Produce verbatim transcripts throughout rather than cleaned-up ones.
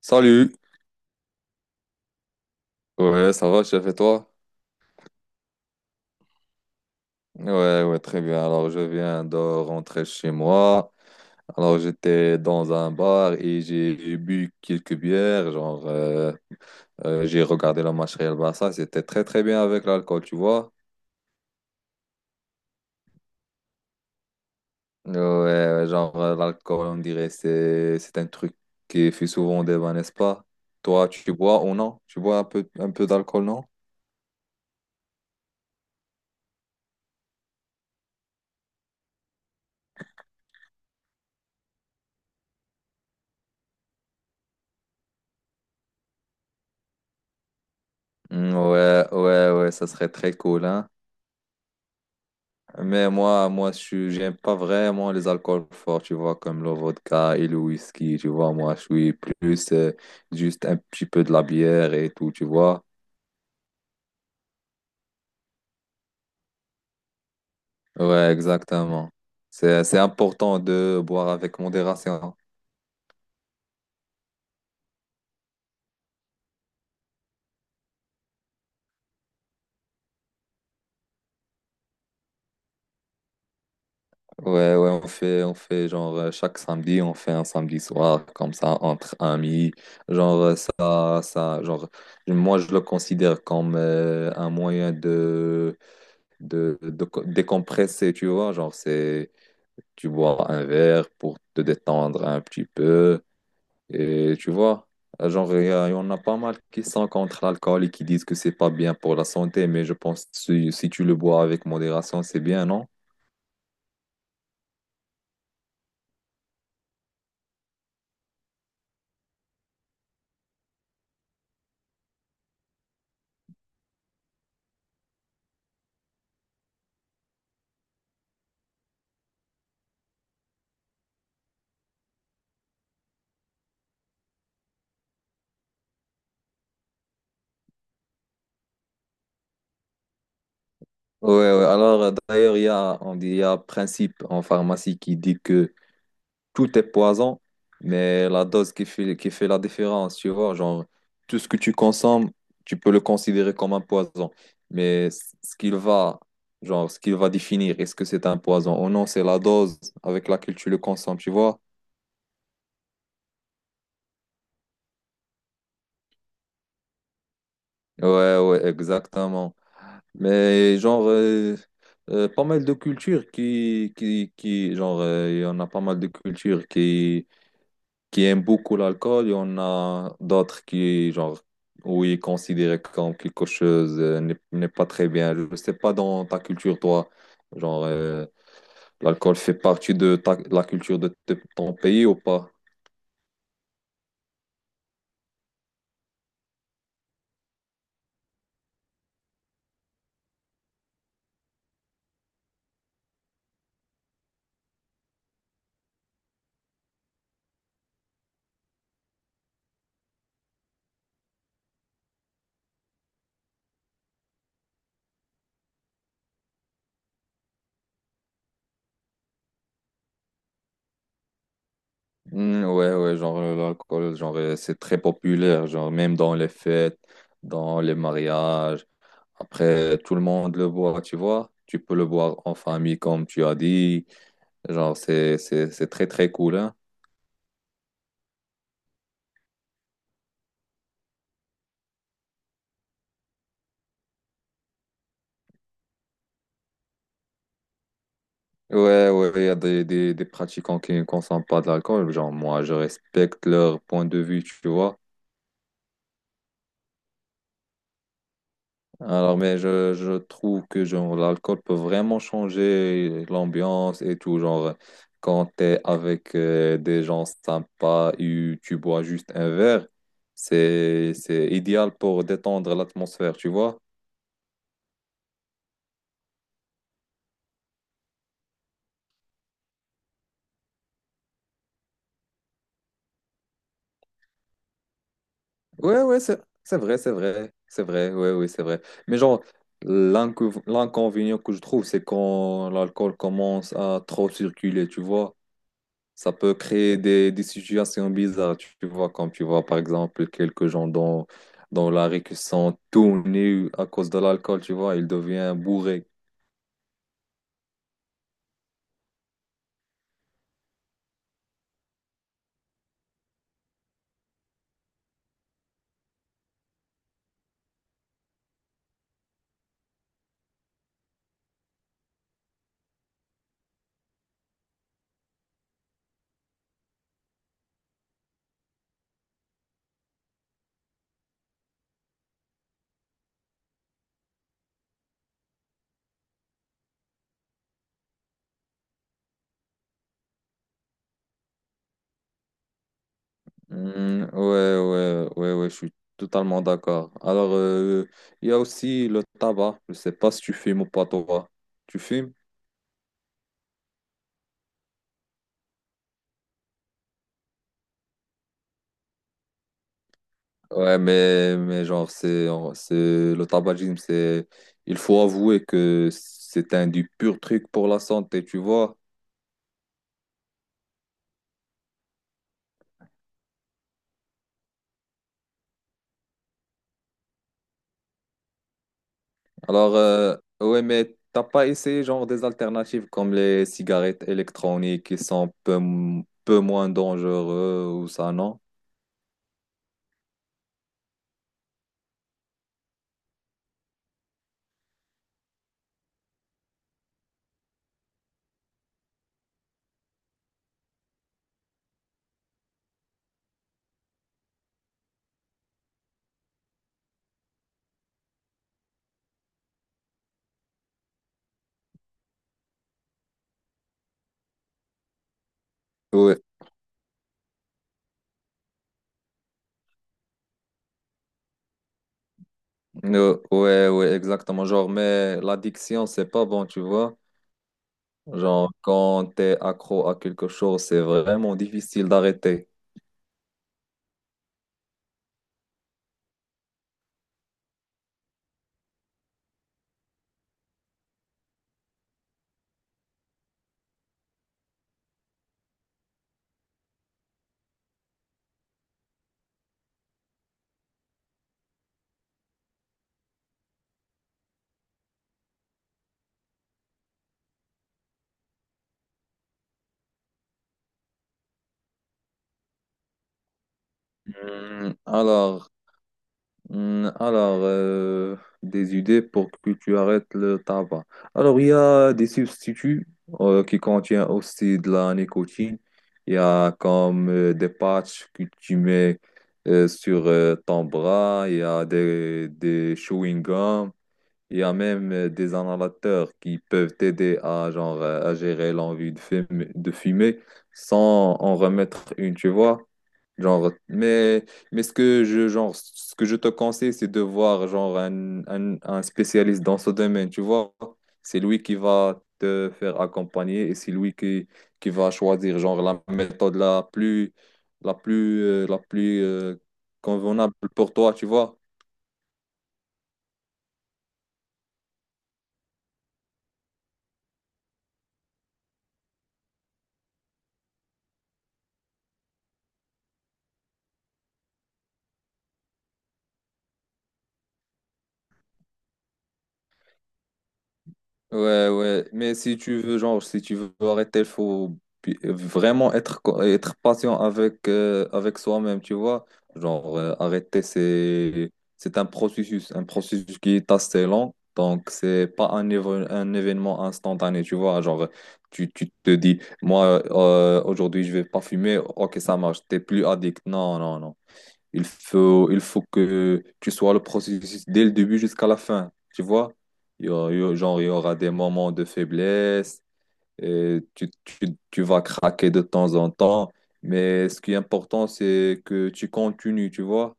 Salut. Ouais, ça va, chef, et toi? Ouais, ouais, très bien. Alors, je viens de rentrer chez moi. Alors, j'étais dans un bar et j'ai bu quelques bières. Genre, euh, euh, j'ai regardé le match Real Barça. C'était très, très bien avec l'alcool, tu vois. Ouais, ouais, genre, euh, l'alcool, on dirait, c'est, c'est un truc qui fait souvent débat, n'est-ce pas? Toi, tu bois ou non? Tu bois un peu, un peu d'alcool, non? Mm, ouais, ouais, ouais, ça serait très cool, hein? Mais moi, moi, je suis- j'aime pas vraiment les alcools forts, tu vois, comme le vodka et le whisky, tu vois. Moi, je suis plus euh, juste un petit peu de la bière et tout, tu vois. Ouais, exactement. C'est, c'est important de boire avec modération. Ouais, ouais, on fait, on fait genre euh, chaque samedi, on fait un samedi soir comme ça entre amis. Genre euh, ça, ça, genre moi je le considère comme euh, un moyen de, de, de co- décompresser, tu vois. Genre, c'est tu bois un verre pour te détendre un petit peu. Et tu vois, genre, il y, a- il y en a pas mal qui sont contre l'alcool et qui disent que c'est pas bien pour la santé, mais je pense que si, si tu le bois avec modération, c'est bien, non? Ouais, ouais. Alors, euh, d'ailleurs, il y a, on dit, il y a un principe en pharmacie qui dit que tout est poison, mais la dose qui fait, qui fait la différence, tu vois, genre, tout ce que tu consommes, tu peux le considérer comme un poison. Mais ce qu'il va, genre, ce qu'il va définir, est-ce que c'est un poison ou non, c'est la dose avec laquelle tu le consommes, tu vois? Ouais, ouais, exactement. Mais genre, euh, euh, pas mal de cultures qui, qui, qui genre, euh, il y en a pas mal de cultures qui qui aiment beaucoup l'alcool, il y en a d'autres qui, genre, où ils considèrent comme quelque chose euh, n'est n'est pas très bien. Je ne sais pas dans ta culture, toi, genre, euh, l'alcool fait partie de ta- la culture de, te- ton pays ou pas? Mm, ouais, ouais, genre, euh, l'alcool, genre, euh, c'est très populaire, genre, même dans les fêtes, dans les mariages. Après, tout le monde le boit, tu vois. Tu peux le boire en famille, comme tu as dit. Genre, c'est, c'est, c'est très, très cool, hein. Ouais, ouais, il y a des, des, des pratiquants qui ne consomment pas de l'alcool. Genre, moi, je respecte leur point de vue, tu vois. Alors, mais je, je trouve que genre, l'alcool peut vraiment changer l'ambiance et tout. Genre, quand tu es avec euh, des gens sympas et tu bois juste un verre, c'est, c'est idéal pour détendre l'atmosphère, tu vois. Ouais, ouais, c'est c'est vrai, c'est vrai, c'est vrai, ouais, oui, c'est vrai. Mais genre, l'inco- l'inconvénient que je trouve, c'est quand l'alcool commence à trop circuler, tu vois, ça peut créer des, des situations bizarres, tu vois, comme tu vois, par exemple, quelques gens dans, dans la rue qui sont tout nus à cause de l'alcool, tu vois, ils deviennent bourrés. Hmm, ouais, ouais, ouais, ouais, je suis totalement d'accord. Alors, euh, il y a aussi le tabac, je sais pas si tu fumes ou pas, toi. Tu fumes? Ouais, mais, mais genre, c'est, on- c'est, le tabagisme, c'est, il faut avouer que c'est un du pur truc pour la santé, tu vois. Alors, euh, ouais, mais t'as pas essayé, genre, des alternatives comme les cigarettes électroniques qui sont peu, m- peu moins dangereux ou ça, non? Ouais, euh, ouais, ouais, exactement. Genre, mais l'addiction, c'est pas bon, tu vois. Genre, quand t'es accro à quelque chose, c'est vraiment difficile d'arrêter. Hmm, Alors, Hmm, Alors, euh, des idées pour que tu arrêtes le tabac. Alors, il y a des substituts euh, qui contiennent aussi de la nicotine. Il y a comme euh, des patchs que tu mets euh, sur euh, ton bras. Il y a des, des chewing-gums. Il y a même euh, des inhalateurs qui peuvent t'aider à, genre, euh, à gérer l'envie de fumer, de fumer sans en remettre une, tu vois. Genre, mais, mais ce que je, genre, ce que je te conseille, c'est de voir genre un, un, un spécialiste dans ce domaine, tu vois. C'est lui qui va te faire accompagner et c'est lui qui, qui va choisir genre la méthode la plus, la plus, euh, la plus euh, convenable pour toi, tu vois. Ouais, ouais, mais si tu veux, genre, si tu veux arrêter, il faut bi- vraiment être, co- être patient avec, euh, avec soi-même, tu vois. Genre, euh, arrêter, c'est, c'est un processus, un processus qui est assez lent, donc c'est pas un, éve- un événement instantané, tu vois. Genre, tu, tu te dis, moi, euh, aujourd'hui, je vais pas fumer, ok, ça marche, t'es plus addict. Non, non, non. Il faut, il faut que tu sois le processus dès le début jusqu'à la fin, tu vois? Il y aura, il y aura- genre, il y aura des moments de faiblesse, et tu, tu, tu vas craquer de temps en temps, mais ce qui est important, c'est que tu continues, tu vois?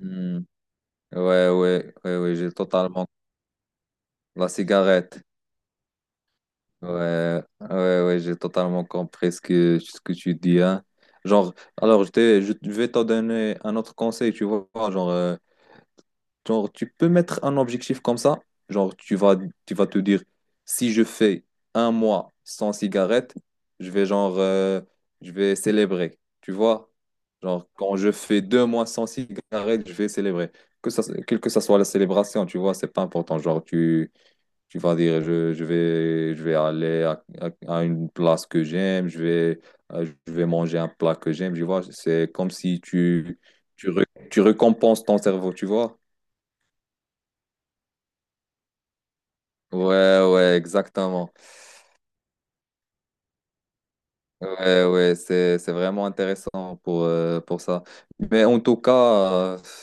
Hmm. Ouais, ouais, ouais, ouais, j'ai totalement... La cigarette. Ouais, ouais, ouais, j'ai totalement compris ce que, ce que tu dis, hein. Genre, alors, je, t'ai- je vais te donner un autre conseil, tu vois, genre... euh, genre, tu peux mettre un objectif comme ça. Genre, tu vas, tu vas te dire, si je fais un mois sans cigarette, je vais genre, euh, je vais célébrer. Tu vois? Genre, quand je fais deux mois sans cigarette, je vais célébrer. Que ça, quelle que ça soit la célébration, tu vois, c'est pas important. Genre, tu, tu vas dire, je, je vais, je vais aller à, à- à une place que j'aime, je vais, euh, je vais manger un plat que j'aime, tu vois. C'est comme si tu, tu, re- tu récompenses ton cerveau, tu vois. Ouais, ouais, exactement. Ouais, ouais, c'est, c'est vraiment intéressant pour, euh, pour ça. Mais en tout cas,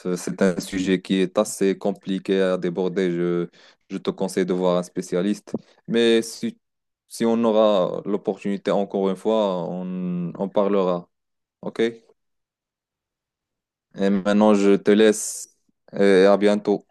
euh, c'est un sujet qui est assez compliqué à déborder. Je, je te conseille de voir un spécialiste. Mais si, si on aura l'opportunité encore une fois, on, on parlera. OK? Et maintenant, je te laisse et à bientôt.